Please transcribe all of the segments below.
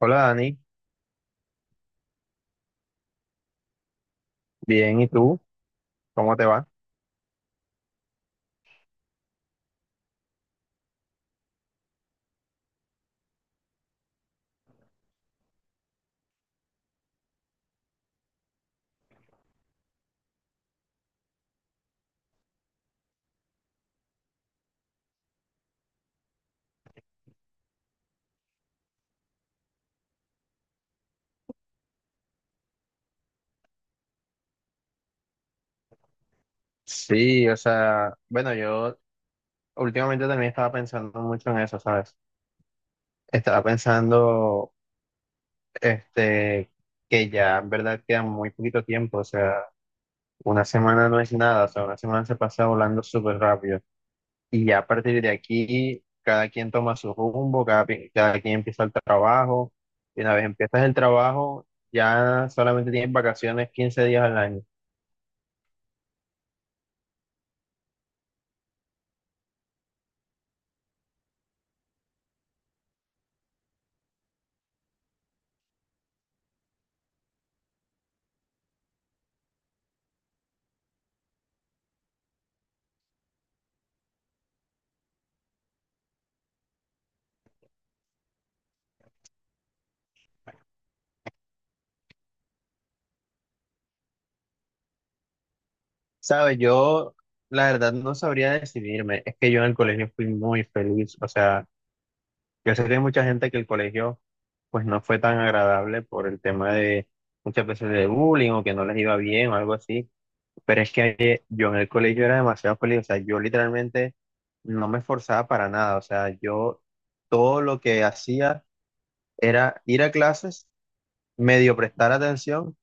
Hola Dani, bien, ¿y tú? ¿Cómo te va? Sí, o sea, bueno, yo últimamente también estaba pensando mucho en eso, ¿sabes? Estaba pensando, este, que ya en verdad queda muy poquito tiempo, o sea, una semana no es nada, o sea, una semana se pasa volando súper rápido. Y ya a partir de aquí, cada quien toma su rumbo, cada quien empieza el trabajo, y una vez empiezas el trabajo, ya solamente tienes vacaciones 15 días al año. Sabes, yo la verdad no sabría decidirme. Es que yo en el colegio fui muy feliz. O sea, yo sé que hay mucha gente que el colegio pues no fue tan agradable por el tema de muchas veces de bullying o que no les iba bien o algo así. Pero es que yo en el colegio era demasiado feliz. O sea, yo literalmente no me esforzaba para nada. O sea, yo todo lo que hacía era ir a clases, medio prestar atención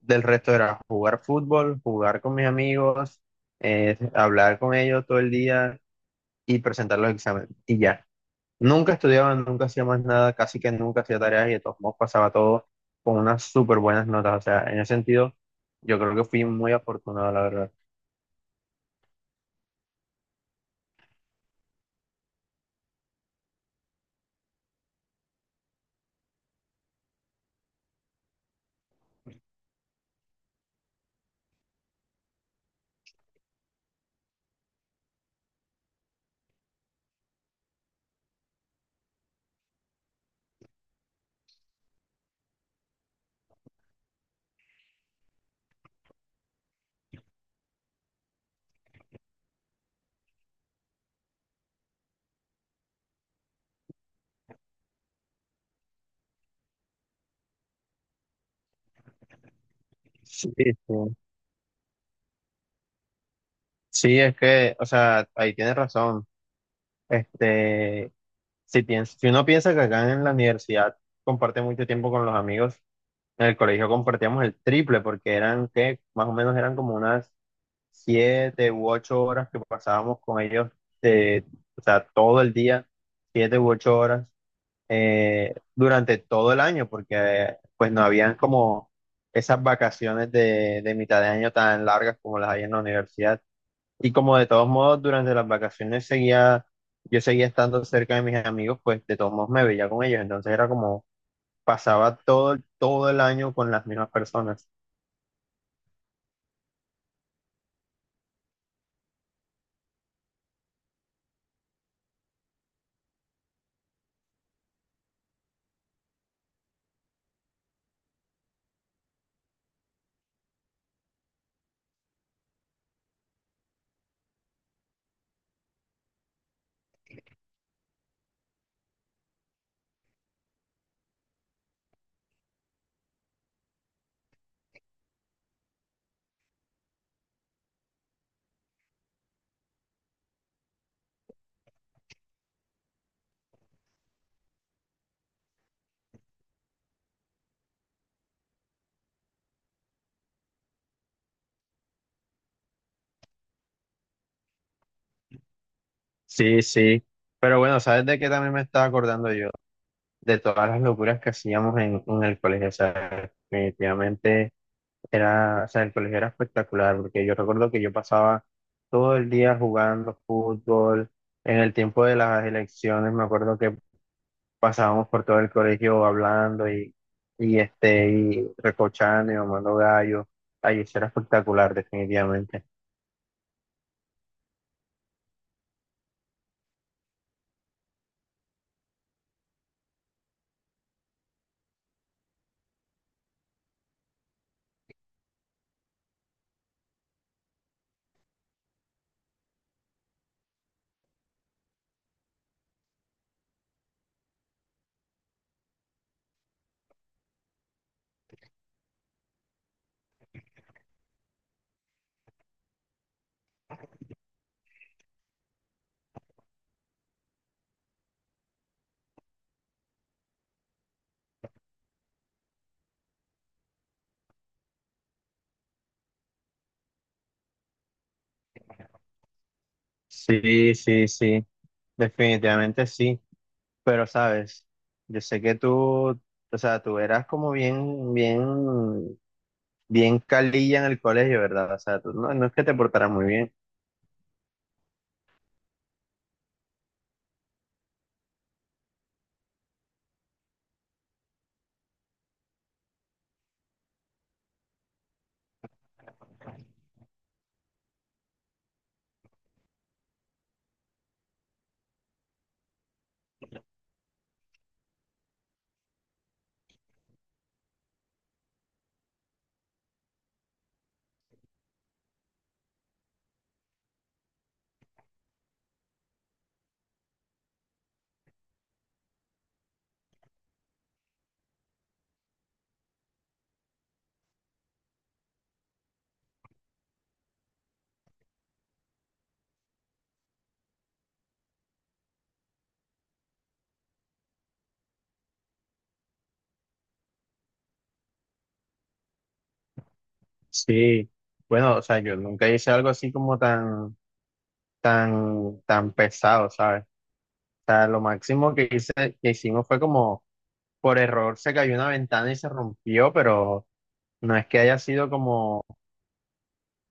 del resto era jugar fútbol, jugar con mis amigos, hablar con ellos todo el día y presentar los exámenes. Y ya. Nunca estudiaba, nunca hacía más nada, casi que nunca hacía tareas y de todos modos pasaba todo con unas súper buenas notas. O sea, en ese sentido, yo creo que fui muy afortunado, la verdad. Sí, sí. Sí, es que, o sea, ahí tienes razón. Este, si uno piensa que acá en la universidad comparte mucho tiempo con los amigos, en el colegio compartíamos el triple porque eran que más o menos eran como unas 7 u 8 horas que pasábamos con ellos, eh, o sea, todo el día, 7 u 8 horas durante todo el año, porque pues no habían como esas vacaciones de mitad de año tan largas como las hay en la universidad. Y como de todos modos durante las vacaciones seguía, yo seguía estando cerca de mis amigos, pues de todos modos me veía con ellos, entonces era como pasaba todo el año con las mismas personas. Sí, sí. Pero bueno, ¿sabes de qué también me estaba acordando yo? De todas las locuras que hacíamos en el colegio. O sea, definitivamente era, o sea, el colegio era espectacular, porque yo recuerdo que yo pasaba todo el día jugando fútbol. En el tiempo de las elecciones, me acuerdo que pasábamos por todo el colegio hablando y recochando y mamando gallo. Ay, eso era espectacular, definitivamente. Sí, sí, sí. Definitivamente sí, pero sabes, yo sé que tú, o sea, tú eras como bien, bien, bien calilla en el colegio, ¿verdad? O sea, tú no, no es que te portaras muy bien. Sí, bueno, o sea, yo nunca hice algo así como tan, tan, tan pesado, ¿sabes? O sea, lo máximo que hice, que hicimos fue como, por error se cayó una ventana y se rompió, pero no es que haya sido como,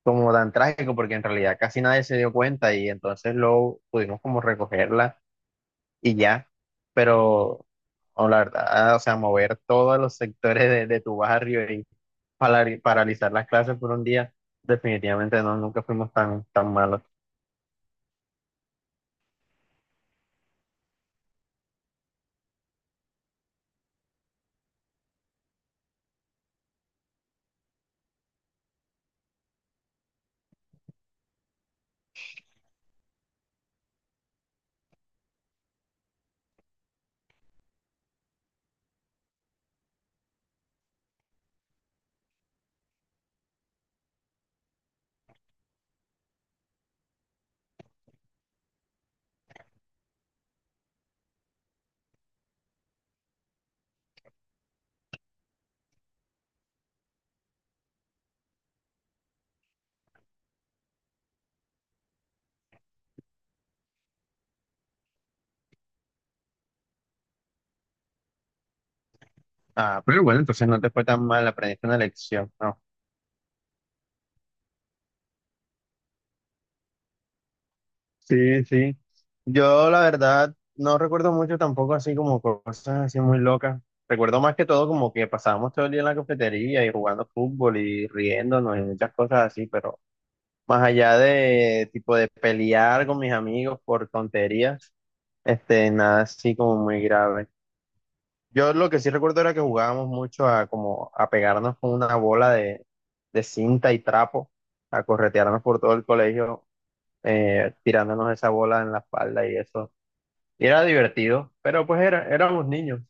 como tan trágico, porque en realidad casi nadie se dio cuenta y entonces luego pudimos como recogerla y ya. Pero, o la verdad, ah, o sea, mover todos los sectores de tu barrio y paralizar las clases por un día, definitivamente no, nunca fuimos tan, tan malos. Ah, pero bueno, entonces no te fue tan mal, aprendiste una lección, ¿no? Sí, sí. Yo la verdad no recuerdo mucho tampoco así como cosas así muy locas. Recuerdo más que todo como que pasábamos todo el día en la cafetería y jugando fútbol y riéndonos y muchas cosas así, pero... Más allá de tipo de pelear con mis amigos por tonterías, nada así como muy grave. Yo lo que sí recuerdo era que jugábamos mucho a como a pegarnos con una bola de cinta y trapo, a corretearnos por todo el colegio, tirándonos esa bola en la espalda y eso. Y era divertido, pero pues era, éramos niños.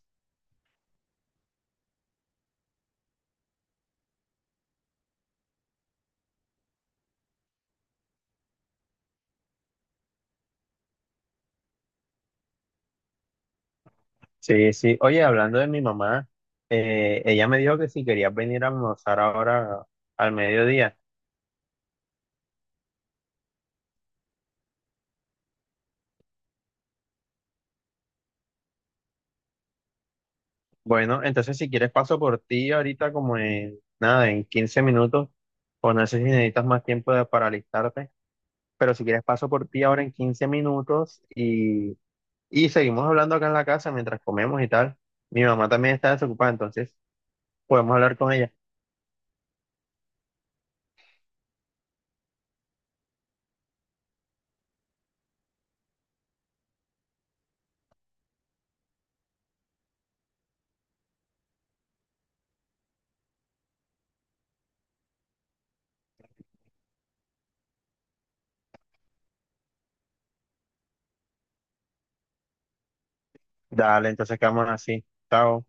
Sí, sí. Oye, hablando de mi mamá, ella me dijo que si querías venir a almorzar ahora al mediodía. Bueno, entonces si quieres paso por ti ahorita como en nada, en 15 minutos, o no sé si necesitas más tiempo para alistarte, pero si quieres paso por ti ahora en 15 minutos y seguimos hablando acá en la casa mientras comemos y tal. Mi mamá también está desocupada, entonces podemos hablar con ella. Dale, entonces quedamos así. Chao.